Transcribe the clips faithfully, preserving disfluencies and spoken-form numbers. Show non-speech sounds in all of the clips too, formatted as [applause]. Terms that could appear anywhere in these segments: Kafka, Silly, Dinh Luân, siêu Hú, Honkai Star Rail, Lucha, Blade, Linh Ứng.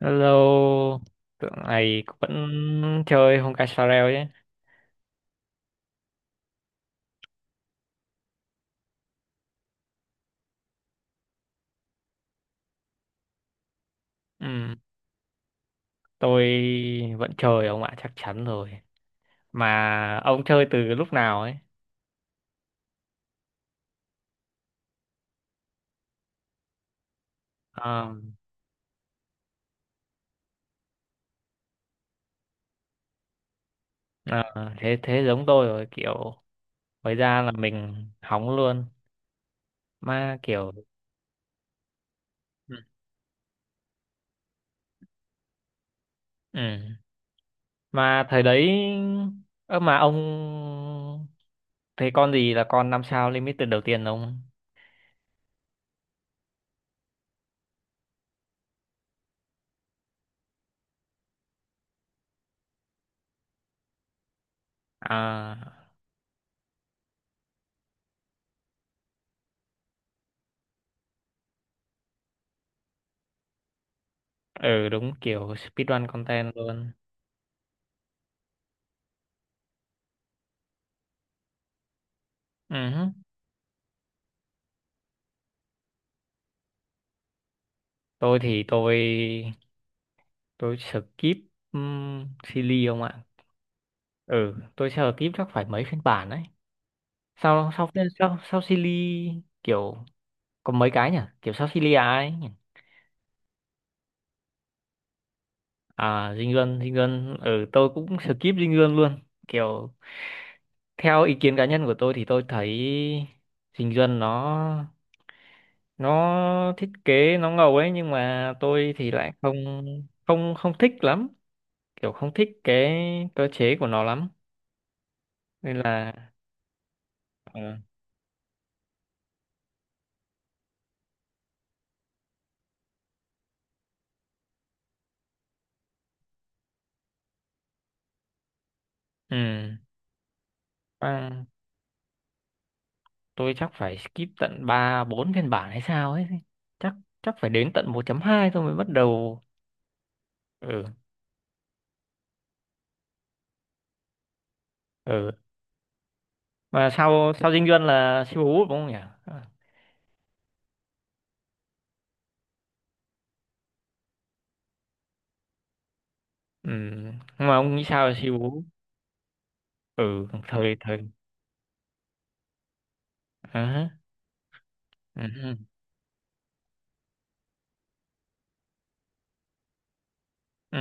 Hello, tượng này vẫn chơi Honkai Star Rail chứ? Ừ, tôi vẫn chơi ông ạ, chắc chắn rồi. Mà ông chơi từ lúc nào ấy? Ờ, ờ, thế thế giống tôi rồi, kiểu mới ra là mình hóng luôn. Mà kiểu, ừ, ừ. Mà thời đấy, ơ mà ông thấy con gì là con năm sao limited đầu tiên ông? À, ừ đúng kiểu speedrun content luôn. Ừ, hứ. tôi thì tôi tôi skip um, Silly không ạ. Ừ, tôi skip chắc phải mấy phiên bản đấy, sao sau phiên sau sau Silly, kiểu có mấy cái nhỉ, kiểu sau Silly à ấy nhỉ? À, Dinh Luân. Dinh Luân ừ tôi cũng skip Dinh Luân luôn, kiểu theo ý kiến cá nhân của tôi thì tôi thấy Dinh Luân nó nó thiết kế nó ngầu ấy, nhưng mà tôi thì lại không, không không thích lắm, kiểu không thích cái cơ chế của nó lắm nên là ờ, ừ. À, tôi chắc phải skip tận ba bốn phiên bản hay sao ấy. Chắc chắc phải đến tận một chấm hai tôi mới bắt đầu. Ừ ừ. Mà sau sau Dinh Duân là siêu Hú đúng không nhỉ? À, ừ. Nhưng mà ông nghĩ sao về siêu Hú? Ừ, thời thời. À, ừ. Ừ.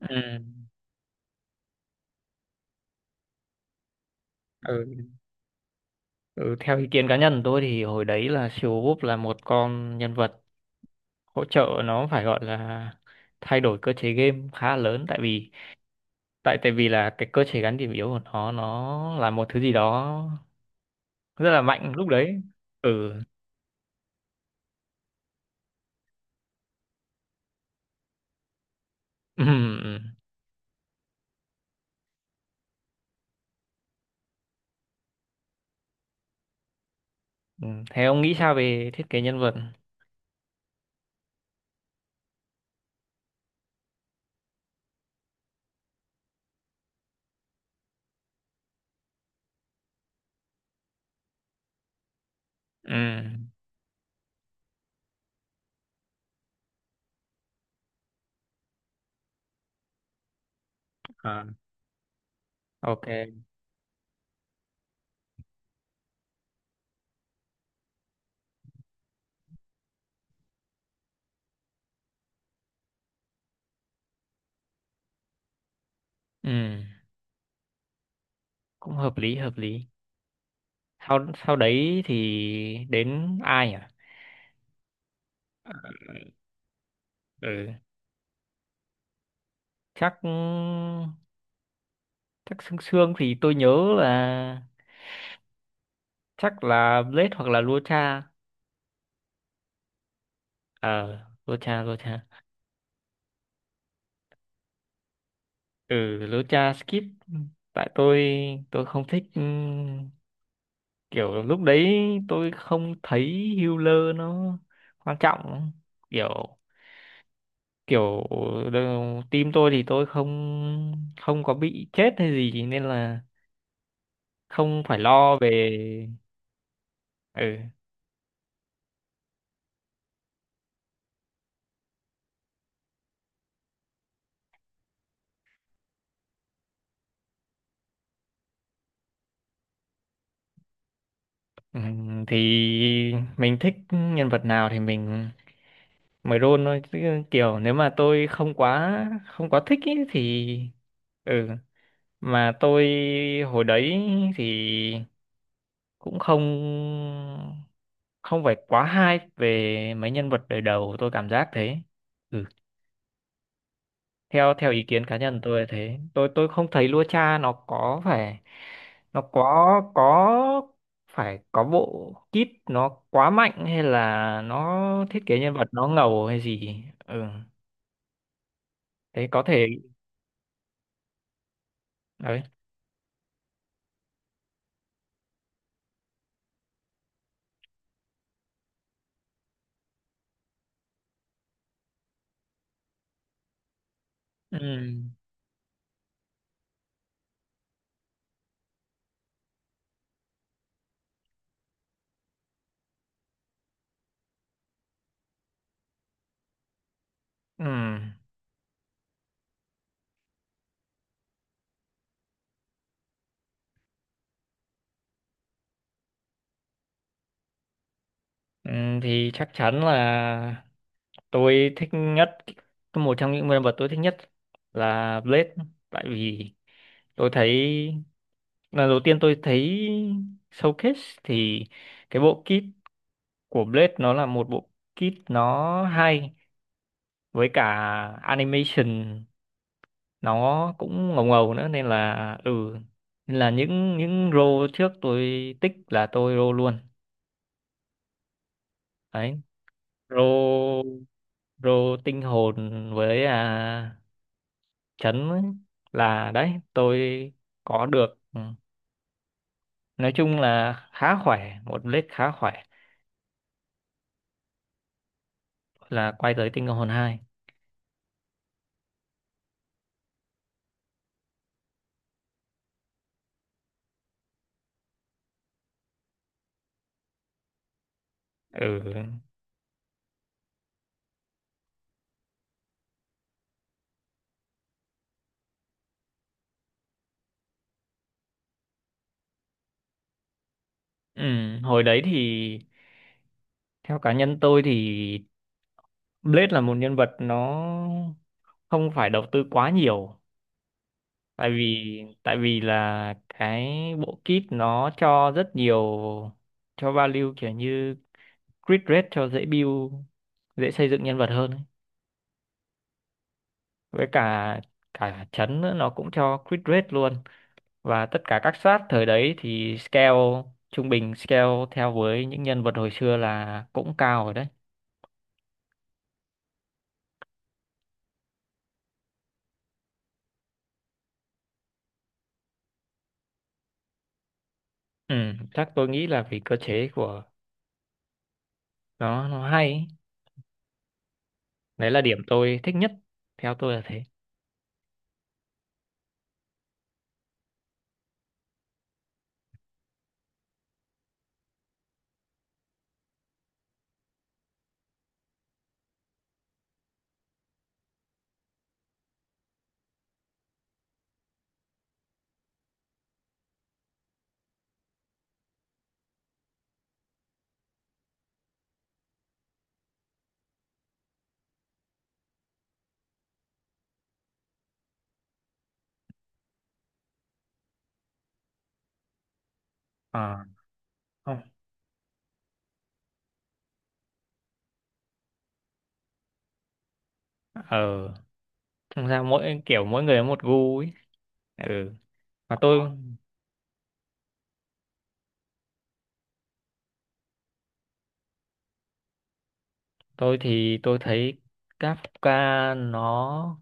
Ừ. Ừ. Ừ. Ừ, theo ý kiến cá nhân của tôi thì hồi đấy là siêu Hú là một con nhân vật hỗ trợ nó phải gọi là thay đổi cơ chế game khá lớn, tại vì tại tại vì là cái cơ chế gắn điểm yếu của nó nó là một thứ gì đó rất là mạnh lúc đấy. Ừ [laughs] ừ ừ. Ừ. Thế ông nghĩ sao về thiết kế nhân vật? Ừ, à, ok. Ừ, cũng hợp lý hợp lý. Sau sau đấy thì đến ai à? Ờ, ừ, chắc chắc xương xương thì tôi nhớ là chắc là Blade hoặc là Lucha. Ờ, Lucha Lucha Ừ, Lucha skip, tại tôi tôi không thích ừm, kiểu lúc đấy tôi không thấy healer nó quan trọng, kiểu kiểu đờ- team tôi thì tôi không không có bị chết hay gì nên là không phải lo về. Ừ. Ừm, thì mình thích nhân vật nào thì mình mới roll thôi. Chứ kiểu nếu mà tôi không quá không quá thích ý, thì ừ mà tôi hồi đấy thì cũng không, không phải quá hay về mấy nhân vật đời đầu, tôi cảm giác thế. Ừ. theo theo ý kiến cá nhân tôi là thế, tôi tôi không thấy Lua Cha nó có phải, nó có có phải có bộ kit nó quá mạnh hay là nó thiết kế nhân vật nó ngầu hay gì. Ừ, thế có thể đấy. Ừ. Ừ. Ừ, thì chắc chắn là tôi thích nhất, một trong những nhân vật tôi thích nhất là Blade, tại vì tôi thấy lần đầu tiên tôi thấy Showcase thì cái bộ kit của Blade nó là một bộ kit nó hay, với cả animation nó cũng ngầu ngầu nữa nên là ừ, nên là những những role trước tôi tích là tôi role luôn đấy, role rô tinh hồn với à, chấn ấy, là đấy tôi có được. Ừ. Nói chung là khá khỏe, một lết khá khỏe, là quay tới tinh hồn hai. Ừ. Ừ, hồi đấy thì theo cá nhân tôi thì Blade là một nhân vật nó không phải đầu tư quá nhiều, tại vì tại vì là cái bộ kit nó cho rất nhiều, cho value kiểu như grid rate cho dễ build, dễ xây dựng nhân vật hơn ấy. Với cả cả chấn nữa, nó cũng cho grid rate luôn, và tất cả các sát thời đấy thì scale trung bình, scale theo với những nhân vật hồi xưa là cũng cao rồi đấy. Ừ, chắc tôi nghĩ là vì cơ chế của nó nó hay ấy. Đấy là điểm tôi thích nhất, theo tôi là thế. À không, ờ, thực ra mỗi kiểu mỗi người có một gu ấy. Ừ, mà tôi tôi thì tôi thấy Kafka nó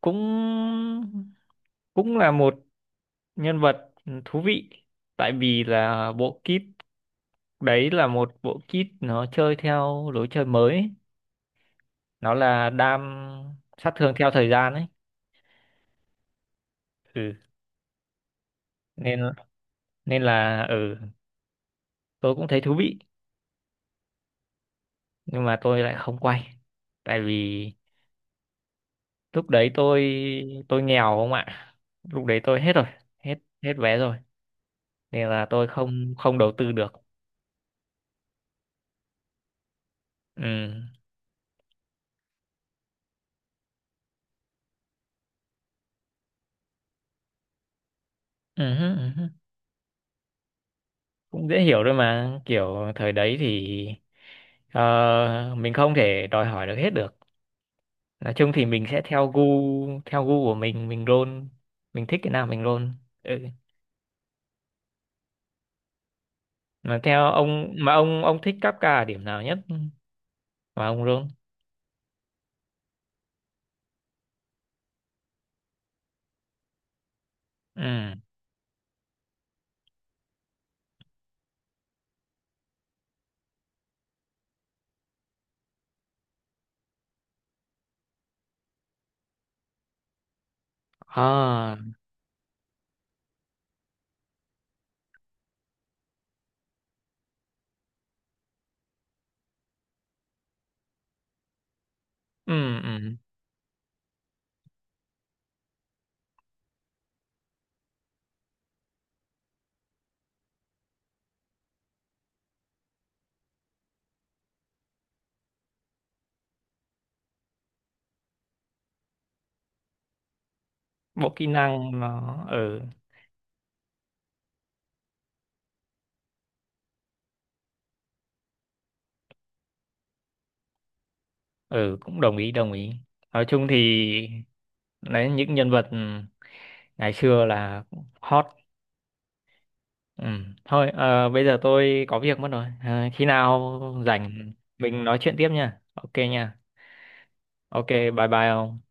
cũng, cũng là một nhân vật thú vị, tại vì là bộ kit đấy là một bộ kit nó chơi theo lối chơi mới ấy. Nó là đam sát thương theo thời gian ấy. Ừ. Nên nên là ừ, tôi cũng thấy thú vị. Nhưng mà tôi lại không quay, tại vì lúc đấy tôi tôi nghèo không ạ, lúc đấy tôi hết rồi, hết, hết vé rồi, nên là tôi không, không đầu tư được. Ừ. Ừ. Cũng dễ hiểu thôi mà, kiểu thời đấy thì ờ, mình không thể đòi hỏi được hết được. Nói chung thì mình sẽ theo gu, theo gu của mình mình roll, mình thích cái nào mình roll. Ừ. Mà theo ông, mà ông ông thích Kafka ở điểm nào nhất mà ông roll? Ừ, à, ừ ừ bộ kỹ năng nó ừ. Ừ, cũng đồng ý đồng ý, nói chung thì đấy những nhân vật ngày xưa là hot. Ừ. Thôi, ờ, bây giờ tôi có việc mất rồi. Ờ, khi nào rảnh mình nói chuyện tiếp nha. Ok nha. Ok, bye bye ông.